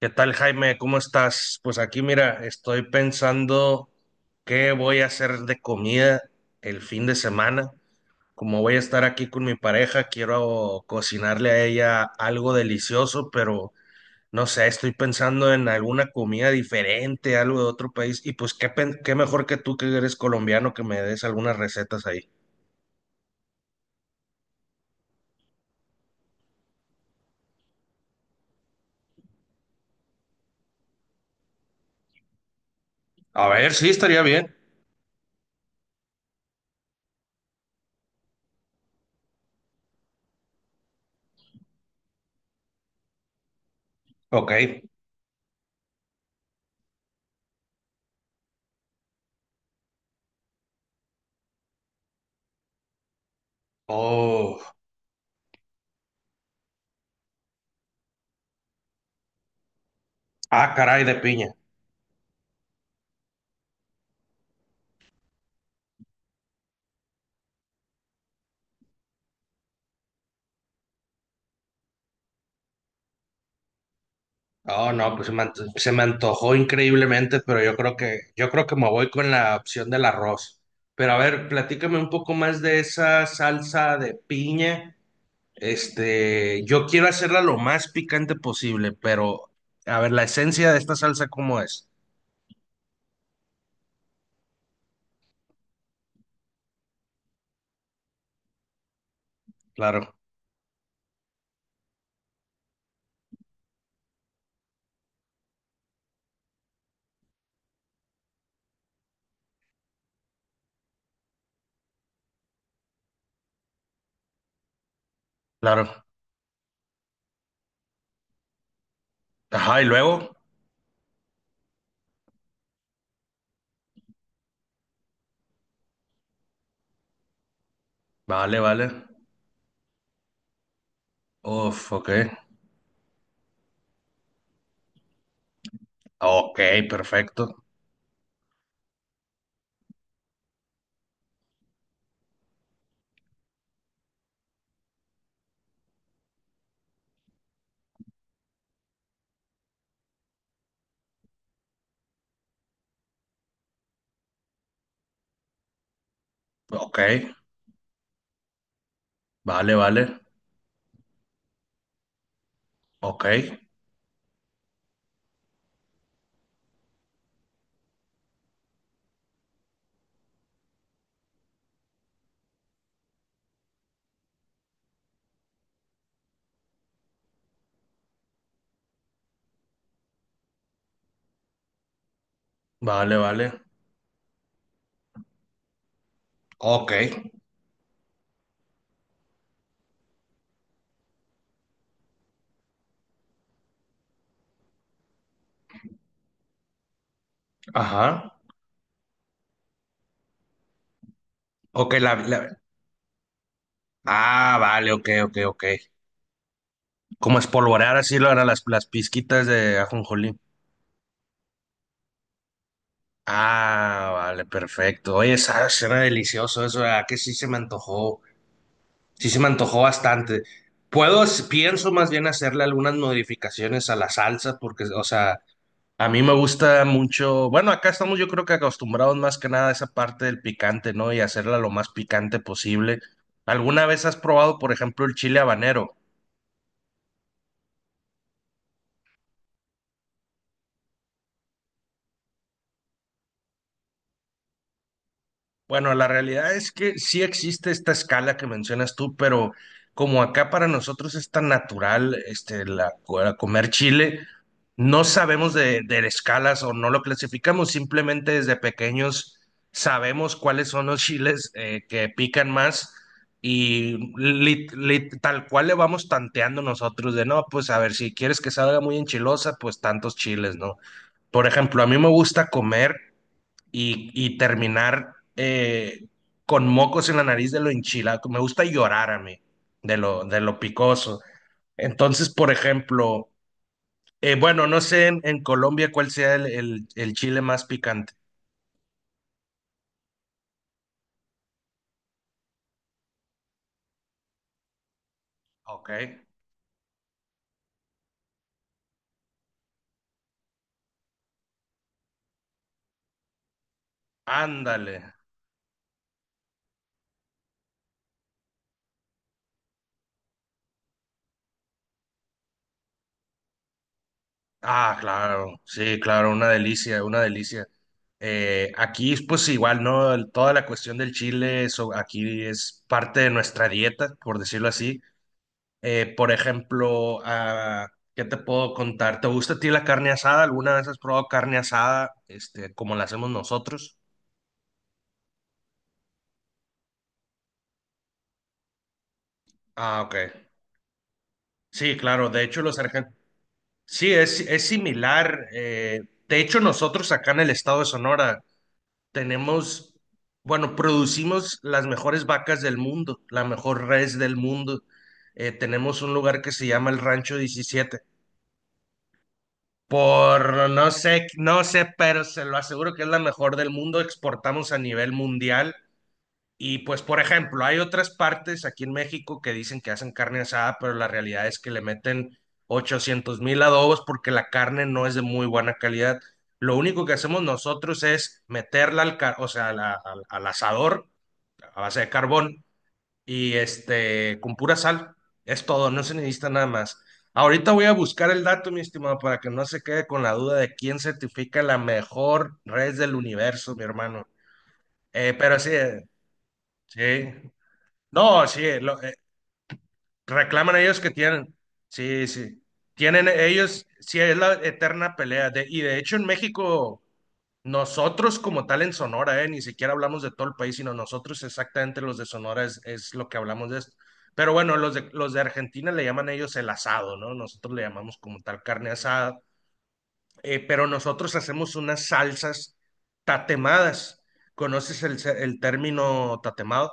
¿Qué tal, Jaime? ¿Cómo estás? Pues aquí, mira, estoy pensando qué voy a hacer de comida el fin de semana. Como voy a estar aquí con mi pareja, quiero cocinarle a ella algo delicioso, pero no sé, estoy pensando en alguna comida diferente, algo de otro país. Y pues, qué mejor que tú, que eres colombiano, que me des algunas recetas ahí. A ver, sí, estaría bien. Ok. Oh, ah, caray, de piña. Oh, no, pues se me antojó increíblemente, pero yo creo que me voy con la opción del arroz. Pero a ver, platícame un poco más de esa salsa de piña. Este, yo quiero hacerla lo más picante posible, pero a ver, la esencia de esta salsa, ¿cómo es? Claro, claro. Ajá, y luego, vale, vale. Uf, ok. Ok, perfecto. Ok, vale, vale. Ok, vale, vale. Ok, ajá. Ok, ah, vale, ok, ok, ok. Como espolvorear así lo eran las pizquitas de ajonjolí. Ah, vale, perfecto. Oye, esa suena delicioso eso, ¿verdad? Que sí se me antojó bastante. Pienso más bien hacerle algunas modificaciones a la salsa, porque, o sea, a mí me gusta mucho, bueno, acá estamos yo creo que acostumbrados más que nada a esa parte del picante, ¿no? Y hacerla lo más picante posible. ¿Alguna vez has probado, por ejemplo, el chile habanero? Bueno, la realidad es que sí existe esta escala que mencionas tú, pero como acá para nosotros es tan natural este, la comer chile, no sabemos de escalas o no lo clasificamos, simplemente desde pequeños sabemos cuáles son los chiles que pican más y tal cual le vamos tanteando nosotros de, no, pues a ver, si quieres que salga muy enchilosa, pues tantos chiles, ¿no? Por ejemplo, a mí me gusta comer y terminar con mocos en la nariz de lo enchilado. Me gusta llorar a mí de lo picoso. Entonces, por ejemplo, bueno, no sé en Colombia cuál sea el chile más picante. Ok, ándale. Ah, claro, sí, claro, una delicia, una delicia. Aquí, pues igual, ¿no? Toda la cuestión del chile, eso aquí es parte de nuestra dieta, por decirlo así. Por ejemplo, ah, ¿qué te puedo contar? ¿Te gusta a ti la carne asada? ¿Alguna vez has probado carne asada, este, como la hacemos nosotros? Ah, ok. Sí, claro. De hecho, los argentinos. Sí, es similar. De hecho, nosotros acá en el estado de Sonora tenemos, bueno, producimos las mejores vacas del mundo, la mejor res del mundo. Tenemos un lugar que se llama el Rancho Diecisiete. Por no sé, no sé, pero se lo aseguro que es la mejor del mundo. Exportamos a nivel mundial. Y pues, por ejemplo, hay otras partes aquí en México que dicen que hacen carne asada, pero la realidad es que le meten 800,000 adobos porque la carne no es de muy buena calidad. Lo único que hacemos nosotros es meterla, o sea, a la- al al asador a base de carbón y este, con pura sal. Es todo, no se necesita nada más. Ahorita voy a buscar el dato, mi estimado, para que no se quede con la duda de quién certifica la mejor red del universo, mi hermano. Pero sí, sí. No, sí, reclaman ellos que tienen, sí, sí, tienen ellos, sí, es la eterna pelea. Y de hecho en México, nosotros como tal en Sonora, ni siquiera hablamos de todo el país, sino nosotros exactamente los de Sonora es lo que hablamos de esto. Pero bueno, los de Argentina le llaman ellos el asado, ¿no? Nosotros le llamamos como tal carne asada, pero nosotros hacemos unas salsas tatemadas. ¿Conoces el término tatemado?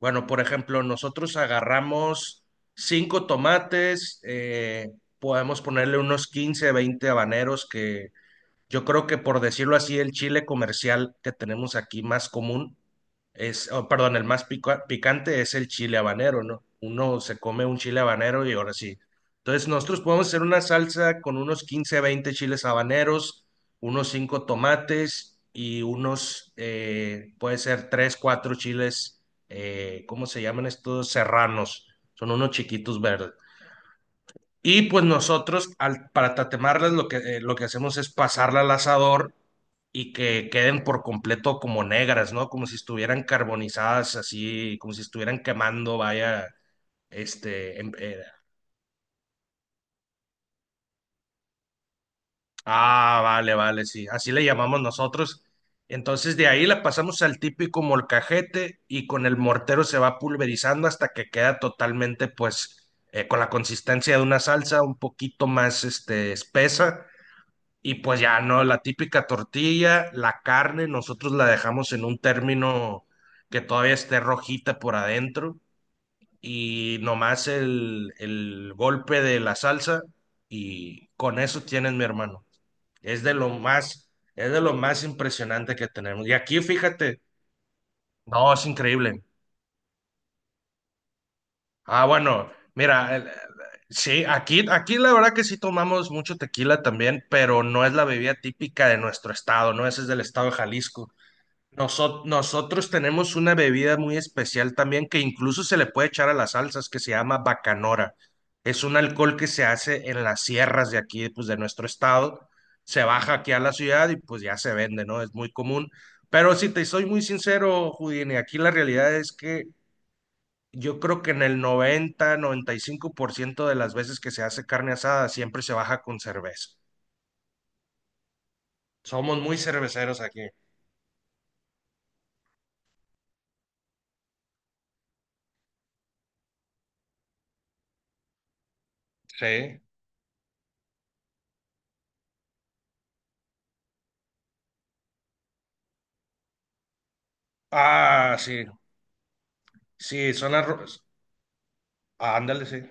Bueno, por ejemplo, nosotros agarramos cinco tomates, podemos ponerle unos 15, 20 habaneros que yo creo que por decirlo así, el chile comercial que tenemos aquí más común es, oh, perdón, el más picante es el chile habanero, ¿no? Uno se come un chile habanero y ahora sí. Entonces nosotros podemos hacer una salsa con unos 15, 20 chiles habaneros, unos 5 tomates y unos, puede ser 3, 4 chiles, ¿cómo se llaman estos? Serranos. Son unos chiquitos verdes. Y pues nosotros, para tatemarlas, lo que hacemos es pasarla al asador y que queden por completo como negras, ¿no? Como si estuvieran carbonizadas, así, como si estuvieran quemando, vaya, este, ah, vale, vale, sí, así le llamamos nosotros. Entonces de ahí la pasamos al típico molcajete y con el mortero se va pulverizando hasta que queda totalmente, pues, con la consistencia de una salsa un poquito más, este, espesa. Y pues ya, ¿no? La típica tortilla, la carne, nosotros la dejamos en un término que todavía esté rojita por adentro y nomás el golpe de la salsa y con eso tienes, mi hermano. Es de lo más, es de lo más impresionante que tenemos. Y aquí, fíjate, no, es increíble. Ah, bueno, mira, sí, aquí la verdad que sí tomamos mucho tequila también, pero no es la bebida típica de nuestro estado, ¿no? Ese es del estado de Jalisco. Nosotros tenemos una bebida muy especial también que incluso se le puede echar a las salsas que se llama bacanora. Es un alcohol que se hace en las sierras de aquí, pues de nuestro estado. Se baja aquí a la ciudad y pues ya se vende, ¿no? Es muy común. Pero si te soy muy sincero, Houdini, aquí la realidad es que yo creo que en el noventa y cinco por ciento de las veces que se hace carne asada siempre se baja con cerveza. Somos muy cerveceros aquí. Sí. Ah, sí. Sí, son arroz. Ah, ándale, sí.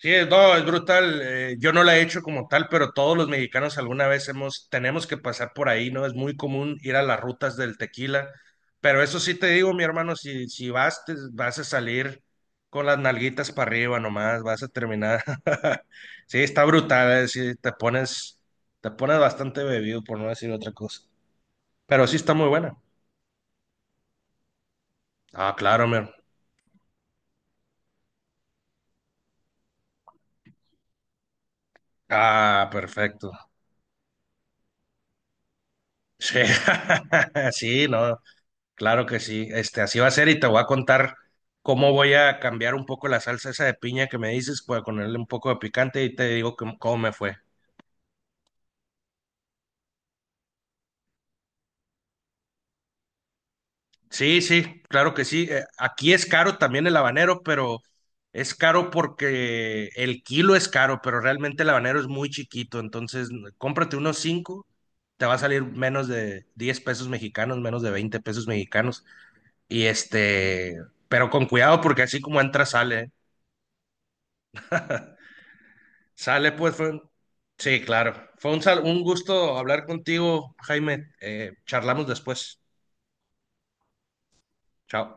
Sí, no, es brutal. Yo no la he hecho como tal, pero todos los mexicanos alguna vez tenemos que pasar por ahí, ¿no? Es muy común ir a las rutas del tequila. Pero eso sí te digo, mi hermano, si vas, vas a salir con las nalguitas para arriba nomás, vas a terminar. Sí, está brutal, sí, te pones bastante bebido, por no decir otra cosa. Pero sí está muy buena. Ah, claro, mi hermano. Ah, perfecto. Sí, sí, no. Claro que sí, este, así va a ser y te voy a contar cómo voy a cambiar un poco la salsa esa de piña que me dices, para ponerle un poco de picante y te digo cómo me fue. Sí, sí, claro que sí. Aquí es caro también el habanero, pero es caro porque el kilo es caro, pero realmente el habanero es muy chiquito, entonces cómprate unos cinco, te va a salir menos de 10 pesos mexicanos, menos de 20 pesos mexicanos y este, pero con cuidado porque así como entra sale. ¿Eh? Sale, pues, sí, claro. Un gusto hablar contigo, Jaime. Charlamos después. Chao.